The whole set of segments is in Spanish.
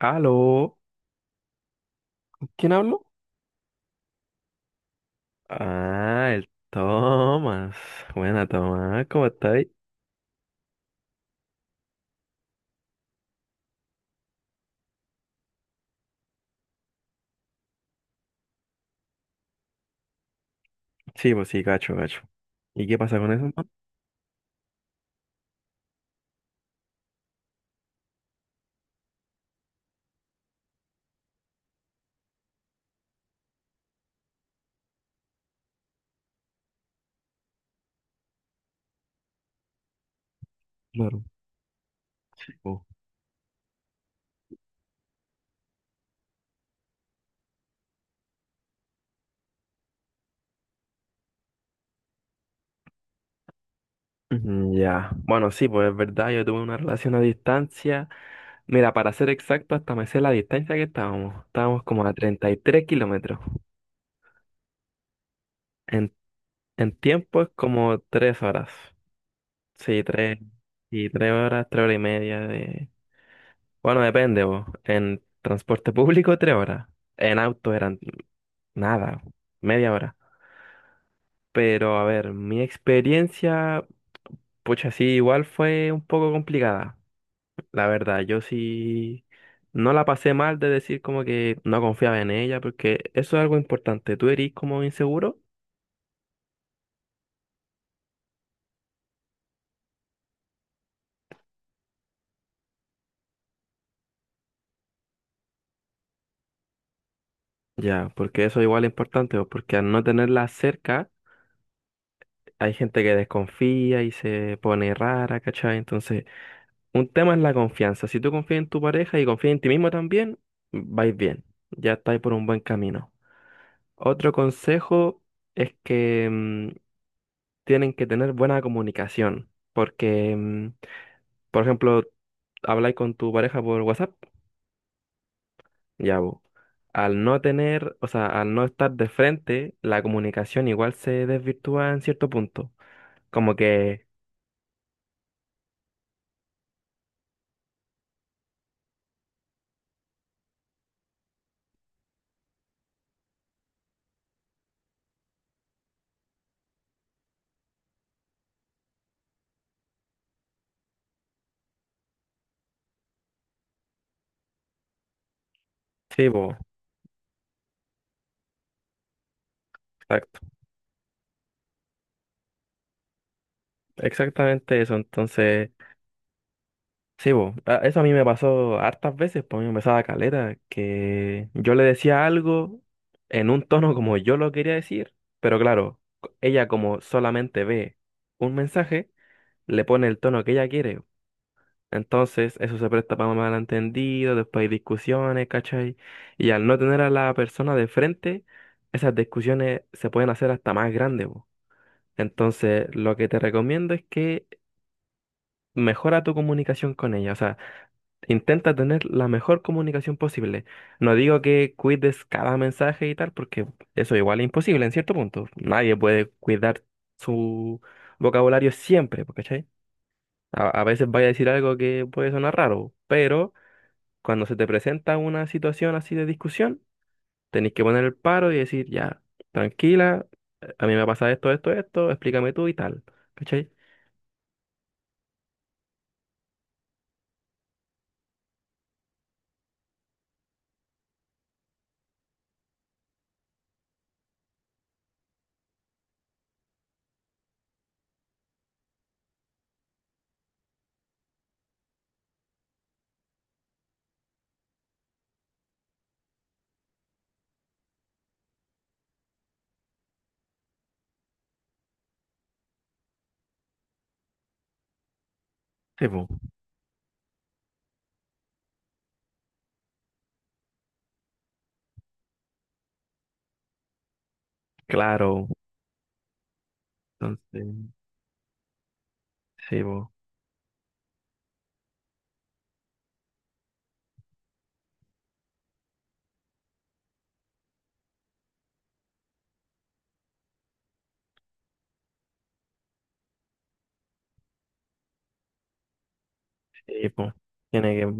Aló. ¿Quién habló? Ah, el Tomás. Buena, Tomás. ¿Cómo estáis? Sí, pues sí, gacho, gacho. ¿Y qué pasa con eso, man? Claro. Oh. Ya. Bueno, sí, pues es verdad, yo tuve una relación a distancia. Mira, para ser exacto, hasta me sé la distancia que estábamos. Estábamos como a 33 km. En, en tiempo es como 3 horas. Sí, 3 y 3 horas, 3 horas y media de... Bueno, depende, vos. En transporte público, 3 horas. En auto eran nada, media hora. Pero a ver, mi experiencia, pucha, sí, igual fue un poco complicada. La verdad, yo sí no la pasé mal de decir como que no confiaba en ella, porque eso es algo importante. ¿Tú eres como inseguro? Ya, porque eso igual es importante, pues, porque al no tenerla cerca, hay gente que desconfía y se pone rara, ¿cachai? Entonces, un tema es la confianza. Si tú confías en tu pareja y confías en ti mismo también, vais bien, ya estáis por un buen camino. Otro consejo es que tienen que tener buena comunicación, porque, por ejemplo, habláis con tu pareja por WhatsApp, ya vos. Al no tener, o sea, al no estar de frente, la comunicación igual se desvirtúa en cierto punto. Como que, sí, vos, exacto, exactamente eso. Entonces, sí, bo, eso a mí me pasó hartas veces, pues a mí me pasaba caleta, que yo le decía algo en un tono como yo lo quería decir, pero claro, ella como solamente ve un mensaje, le pone el tono que ella quiere. Entonces, eso se presta para malentendidos, después hay discusiones, ¿cachai? Y al no tener a la persona de frente, esas discusiones se pueden hacer hasta más grandes, bo. Entonces, lo que te recomiendo es que mejora tu comunicación con ella, o sea, intenta tener la mejor comunicación posible. No digo que cuides cada mensaje y tal, porque eso igual es imposible en cierto punto. Nadie puede cuidar su vocabulario siempre, po, ¿cachai? A veces vaya a decir algo que puede sonar raro, pero cuando se te presenta una situación así de discusión, tenés que poner el paro y decir, ya, tranquila, a mí me pasa esto, esto, esto, explícame tú y tal, ¿cachai? Sí, po. Claro. Entonces, sí, po. Sí, po. Tiene que,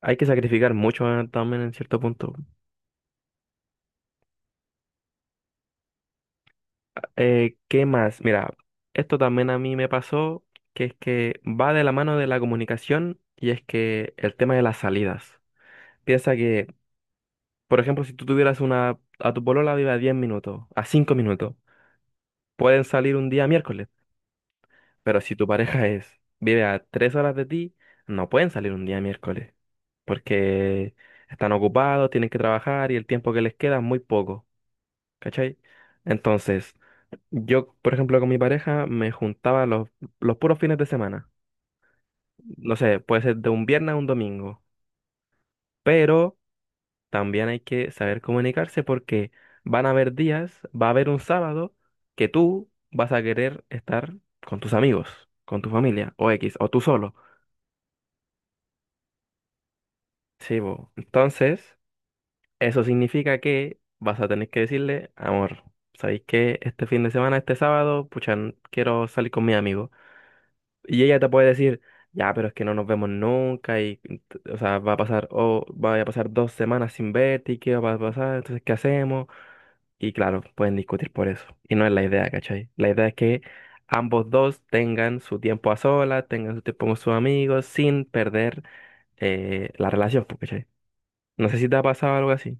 hay que sacrificar mucho también en cierto punto. ¿Qué más? Mira, esto también a mí me pasó, que es que va de la mano de la comunicación y es que el tema de las salidas. Piensa que, por ejemplo, si tú tuvieras una, a tu polola vive a 10 minutos, a 5 minutos, pueden salir un día miércoles, pero si tu pareja es, vive a 3 horas de ti, no pueden salir un día miércoles, porque están ocupados, tienen que trabajar y el tiempo que les queda es muy poco, ¿cachai? Entonces... yo, por ejemplo, con mi pareja me juntaba los puros fines de semana. No sé, puede ser de un viernes a un domingo. Pero también hay que saber comunicarse porque van a haber días, va a haber un sábado que tú vas a querer estar con tus amigos, con tu familia, o X, o tú solo. Sí, bo. Entonces, eso significa que vas a tener que decirle, amor, ¿sabéis que este fin de semana, este sábado, pucha, quiero salir con mi amigo? Y ella te puede decir, ya, pero es que no nos vemos nunca y, o sea, va a pasar, o va a pasar 2 semanas sin verte y qué va a pasar, entonces, ¿qué hacemos? Y claro, pueden discutir por eso. Y no es la idea, ¿cachai? La idea es que ambos dos tengan su tiempo a solas, tengan su tiempo con sus amigos, sin perder la relación, pues, ¿cachai? No sé si te ha pasado algo así.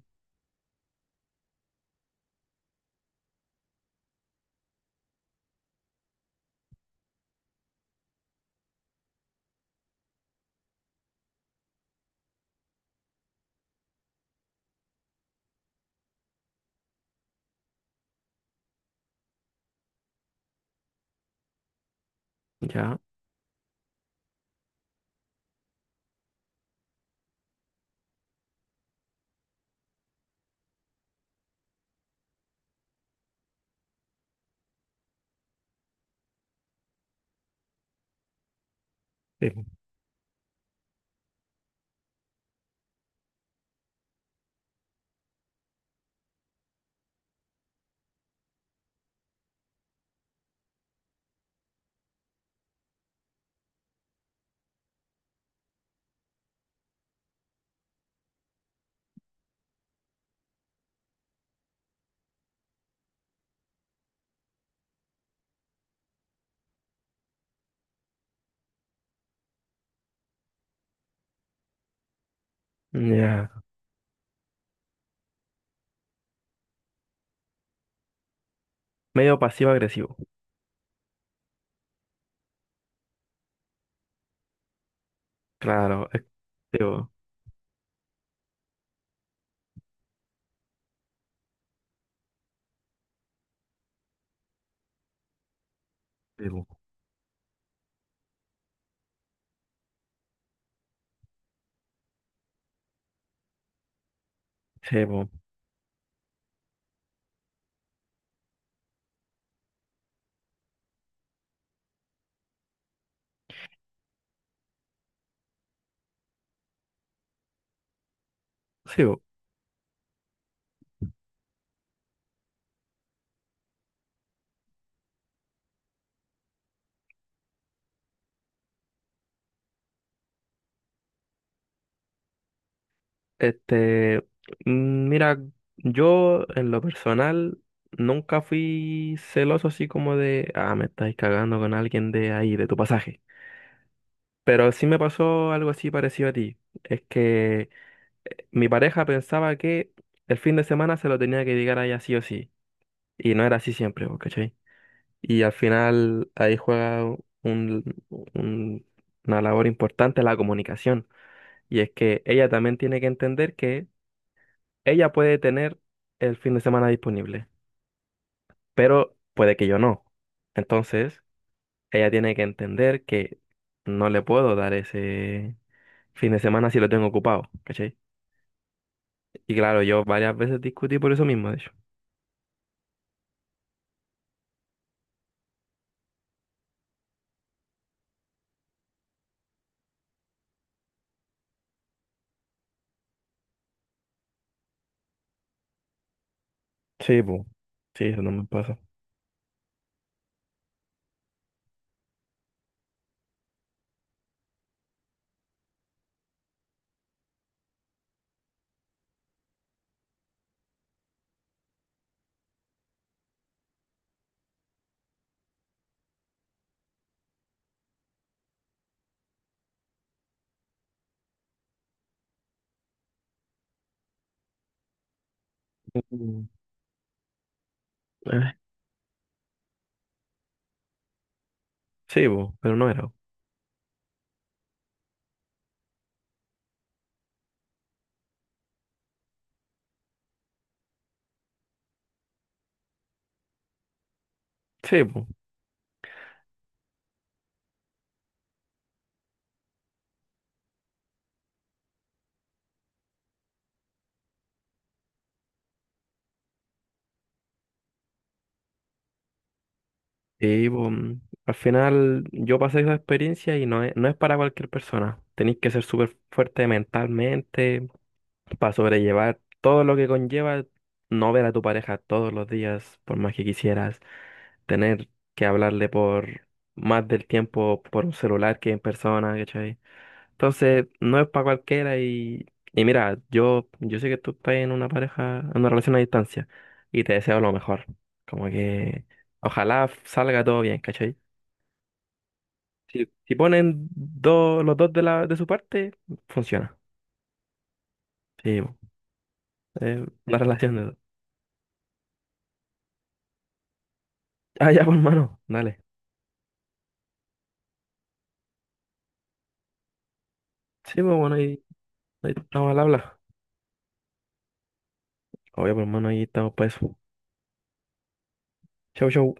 Ya. Sí, po. Ya. Medio pasivo-agresivo. Claro. Sí, po. Sí, po. Sí, po. Sí, po. Este, mira, yo en lo personal nunca fui celoso así como de, ah, me estáis cagando con alguien de ahí, de tu pasaje. Pero sí me pasó algo así parecido a ti. Es que mi pareja pensaba que el fin de semana se lo tenía que llegar a ella sí o sí. Y no era así siempre, ¿vos ¿cachai? Y al final ahí juega un- un- una labor importante la comunicación. Y es que ella también tiene que entender que ella puede tener el fin de semana disponible, pero puede que yo no. Entonces, ella tiene que entender que no le puedo dar ese fin de semana si lo tengo ocupado, ¿cachai? Y claro, yo varias veces discutí por eso mismo, de hecho. Sí, po. Sí, eso no me pasa. Mm. Eh, sí, po, pero no era. Sí, po. Y po, al final yo pasé esa experiencia y no es, no es para cualquier persona. Tenéis que ser súper fuerte mentalmente, para sobrellevar todo lo que conlleva no ver a tu pareja todos los días, por más que quisieras, tener que hablarle por más del tiempo por un celular que en persona, ¿cachai? Entonces, no es para cualquiera y mira, yo sé que tú estás en una pareja, en una relación a distancia y te deseo lo mejor. Como que ojalá salga todo bien, ¿cachai? Si, si ponen dos, los dos de la, de su parte, funciona. Sí, po. Es una relación de dos. Ah, ya, pues, hermano, dale. Sí, pues bueno, ahí estamos al habla. Obvio, pues hermano, ahí estamos para eso. Chau, chau.